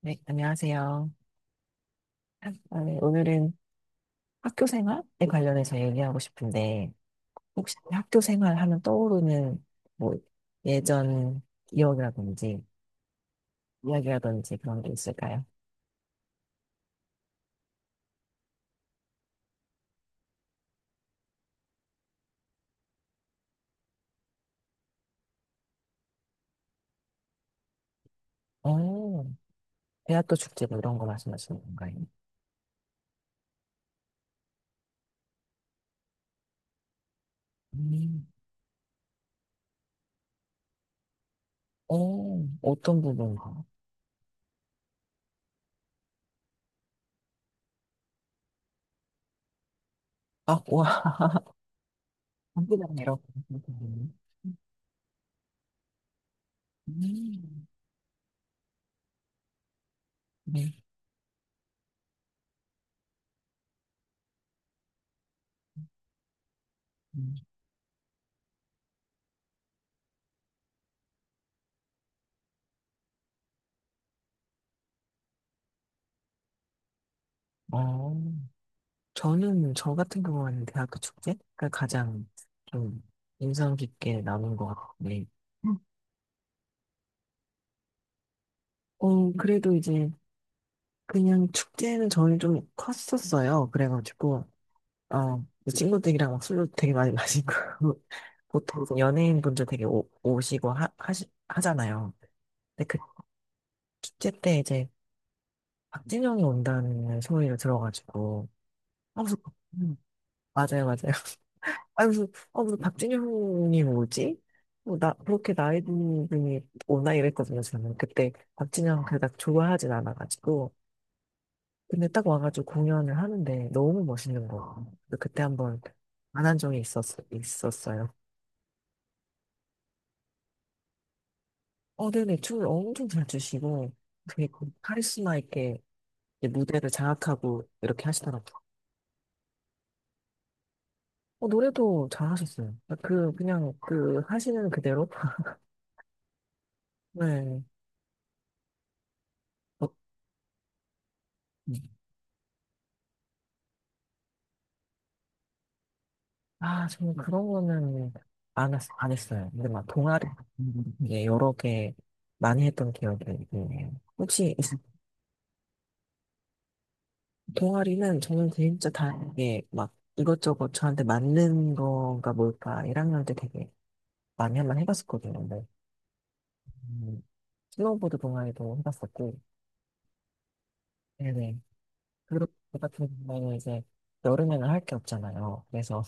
네, 안녕하세요. 아, 네, 오늘은 학교 생활에 관련해서 얘기하고 싶은데, 혹시 학교 생활 하면 떠오르는 뭐 예전 기억이라든지 이야기라든지 그런 게 있을까요? 어, 대학교 축제 뭐 이런 거 말씀하시는 건가요? 음, 어, 어떤 부분인가? 아, 와, 감기랑 이런 거. 음, 네. 음. 어, 저는 저 같은 경우는 대학교 축제가 가장 좀 인상 깊게 남은 것 같은데, 음. 어, 그래도 이제 그냥 축제는 저는 좀 컸었어요. 그래가지고, 어, 그 친구들이랑 막 술도 되게 많이 마시고, 보통 이제 연예인분들 되게 오시고 하잖아요. 근데 그 축제 때 이제 박진영이 온다는 소리를 들어가지고, 아, 그래서, 음, 맞아요, 맞아요. 아니 무슨 아 무슨 박진영이 뭐지? 뭐 나 그렇게 나이 든 분이 오나 이랬거든요. 저는 그때 박진영 그닥 좋아하진 않아가지고 근데 딱 와가지고 공연을 하는데 너무 멋있는 거예요. 그래서 그때 한번 만난 적이 있었어요. 어 네네, 춤을 엄청 잘 추시고 되게 그 카리스마 있게 이제 무대를 장악하고 이렇게 하시더라고요. 어, 노래도 잘하셨어요. 그 그냥 그 하시는 그대로. 네. 어, 음. 아, 저는 그런 거는 안 했어요. 근데 막 동아리 이게 여러 개 많이 했던 기억이 있네요. 혹시 이- 동아리는 저는 진짜 다 이게 막 이것저것 저한테 맞는 건가 뭘까 1학년 때 되게 많이 한번 해봤었거든요. 근데 음, 스노우보드 동아리도 해봤었고, 네네. 그룹 같은 경우는 이제 여름에는 할 게 없잖아요. 그래서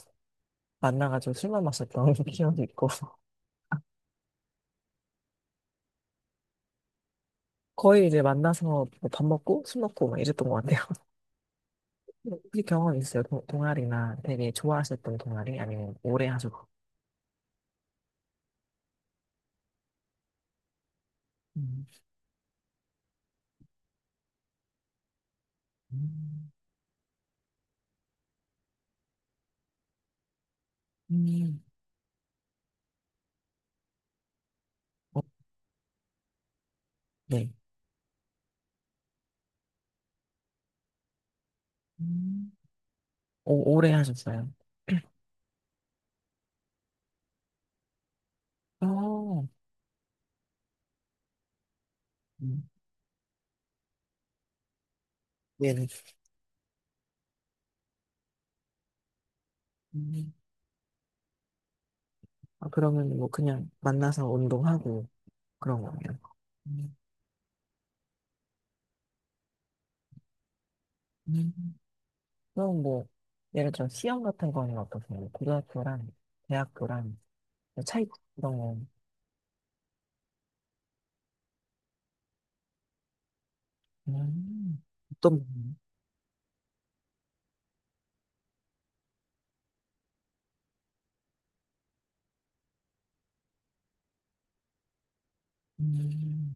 만나가지고 술만 마셨던 기억이 있고, 거의 이제 만나서 뭐 밥 먹고 술 먹고 막 이랬던 것 같아요. 혹시 경험 있어요? 동아리나 되게 좋아하셨던 동아리 아니면 오래 하셨? 음, 음, 음, 어, 네. 음. 오, 오래 하셨어요. 어, 음, 네네. 음. 아, 그러면 뭐 그냥 만나서 운동하고 그런 거예요. 음, 음. 그럼 뭐 예를 들어 시험 같은 거는 어떠세요? 고등학교랑 대학교랑 차이 그런 거. 음. 어떤 부분? 음,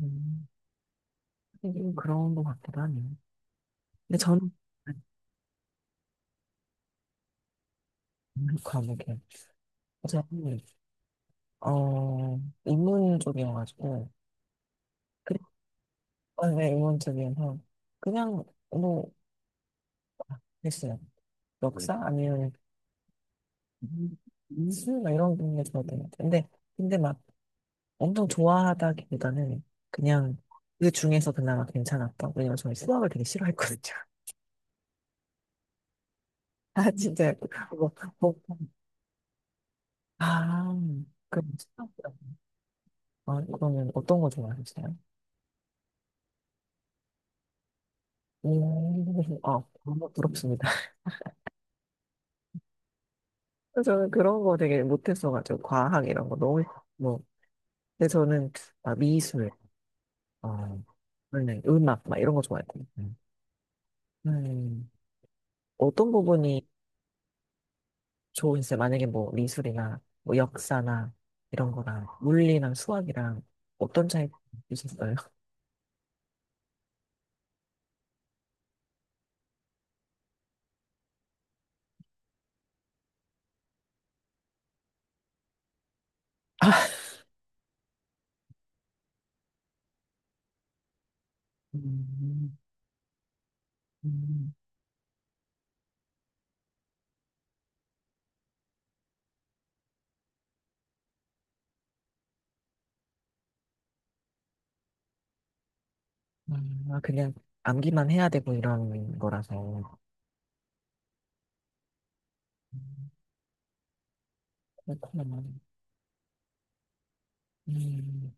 음. 하긴 좀 그런 거 같기도 하네요. 근데 저는 안는 과목이에요. 저는 어 인문 쪽이어가지고 그래 어, 네, 인문 쪽이어서 그냥 뭐 했어요. 네. 역사 아니면 미술 막 이런 게 좋았던 것 같아요. 근데 근데 막 엄청 좋아하다기보다는 그냥 그 중에서 그나마 괜찮았던. 왜냐면 저는 수학을 되게 싫어했거든요. 아 진짜 뭐, 뭐, 아 그럼 수학이요. 아, 그러면 어떤 거 좋아하세요? 오, 아, 너무 부럽습니다. 저는 그런 거 되게 못했어가지고 과학 이런 거 너무 뭐. 근데 저는 막 미술 어 원래 음악 막 이런 거 좋아했고 음, 어떤 부분이 좋은지 만약에 뭐 미술이나 뭐 역사나 이런 거랑 물리랑 수학이랑 어떤 차이 있었어요? 음, 음, 아, 그냥 암기만 해야 되고 이런 거라서. 음, 그렇구나. 음,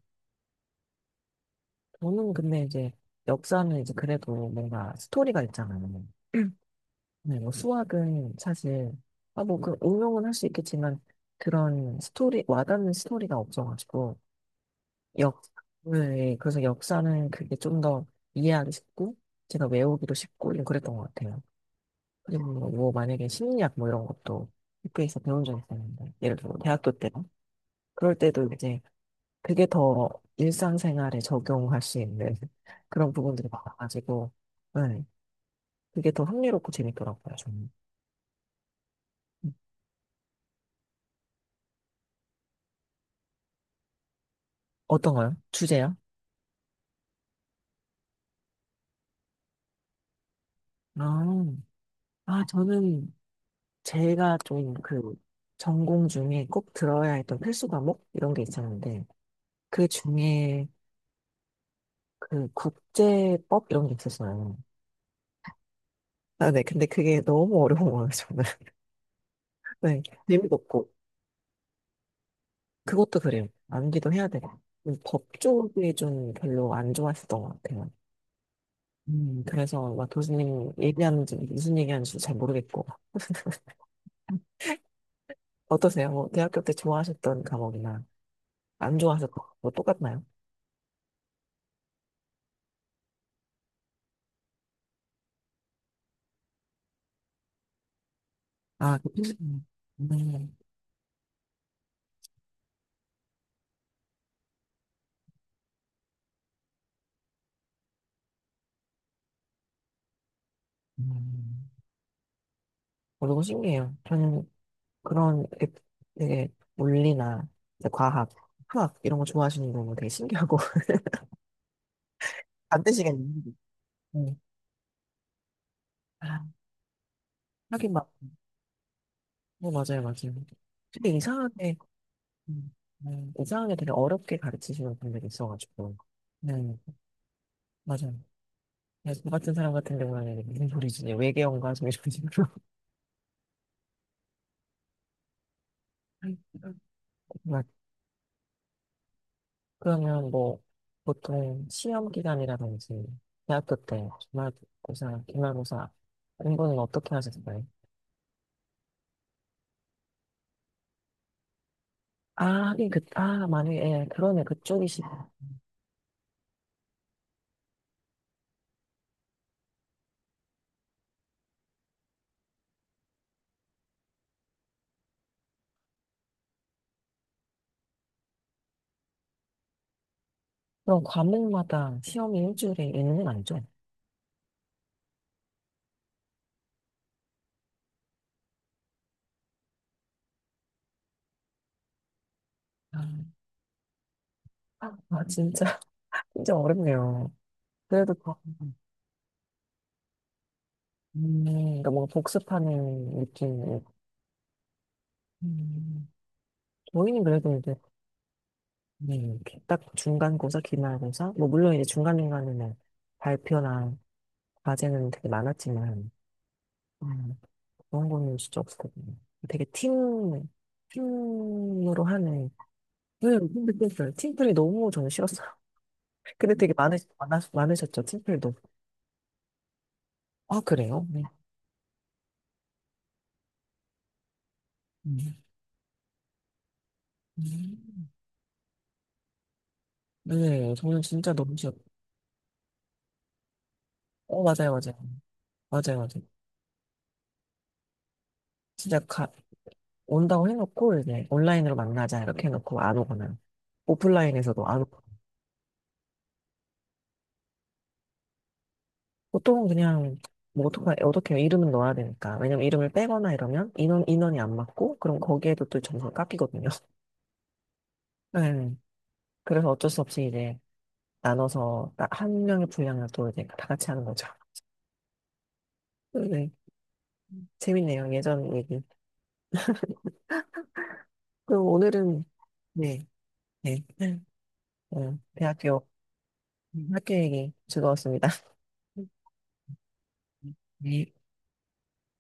저는 근데 이제 역사는 이제 그래도 뭔가 스토리가 있잖아요. 네, 뭐 수학은 사실, 아, 뭐, 그, 응용은 할 수 있겠지만, 그런 스토리, 와닿는 스토리가 없어가지고, 역, 네, 그래서 역사는 그게 좀 더 이해하기 쉽고, 제가 외우기도 쉽고, 좀 그랬던 것 같아요. 그리고 뭐, 뭐 만약에 심리학 뭐 이런 것도 학교에서 배운 적 있었는데, 예를 들어 뭐 대학교 때요. 그럴 때도 이제 그게 더 일상생활에 적용할 수 있는 그런 부분들이 많아가지고, 네. 그게 더 흥미롭고 재밌더라고요, 저는. 음. 어떤가요? 주제요? 아, 아, 저는 제가 좀 그 전공 중에 꼭 들어야 했던 필수 과목? 이런 게 있었는데, 그 중에 그 국제법 이런 게 있었어요. 아, 네. 근데 그게 너무 어려운 거예요, 저는. 네. 재미도 없고. 그것도 그래요. 암기도 해야 되고. 법 쪽이 좀 별로 안 좋아했었던 것 같아요. 그래서 마토스님 얘기하는지 무슨 얘기하는지 잘 모르겠고. 어떠세요? 뭐 대학교 때 좋아하셨던 과목이나 안 좋아하셨던 거 똑같나요? 아, 그 필수. 음, 음. 어, 너무 신기해요. 저는 그런 게 되게 물리나 이제 과학, 화학 이런 거 좋아하시는 거 되게 신기하고 반대시간 있는데. 네. 아, 하긴 막, 네, 맞아요, 맞아요. 근데 이상하게, 음, 이상하게 되게 어렵게 가르치시는 분들이 있어가지고. 네, 맞아요. 야, 저 같은 사람 같은 경우에는 무슨 소리지? 외계어인가? 좀 이런 식으로. 막, 그러면 뭐, 보통 시험 기간이라든지, 대학교 때, 기말고사, 공부는 어떻게 하셨어요? 아, 하긴 그, 아, 만약에, 예, 그러네, 그쪽이시. 그럼 과목마다 시험이 일주일에 있는 건 아니죠? 아, 아, 진짜, 진짜 어렵네요. 그래도, 그- 그러니까 뭔가 복습하는 느낌. 음, 저희는 그래도 이제 네, 이렇게 딱 중간고사, 기말고사. 뭐, 물론 이제 중간중간에는 발표나 과제는 되게 많았지만, 음, 그런 거는 진짜 없었거든요. 되게 팀, 팀으로 하는, 네, 근데 그랬어요. 팀플이 너무 저는 싫었어요. 근데 되게 많으셨죠, 팀플도. 아, 그래요? 네. 음. 음. 네, 저는 진짜 너무 싫어. 어, 맞아요, 맞아요. 맞아요, 맞아요. 진짜 가, 온다고 해놓고, 이제 온라인으로 만나자, 이렇게 해놓고 안 오거나. 오프라인에서도 안 오고. 보통은 그냥 뭐 어떻게 해요? 이름은 넣어야 되니까. 왜냐면 이름을 빼거나 이러면 인원, 인원이 안 맞고, 그럼 거기에도 또 점수가 깎이거든요. 네. 그래서 어쩔 수 없이 이제 나눠서 딱한 명의 분량을 또 이제 다 같이 하는 거죠. 네. 네. 재밌네요. 예전 얘기. 그리고 오늘은, 네, 네, 네. 어, 대학교 학교 얘기 즐거웠습니다. 네.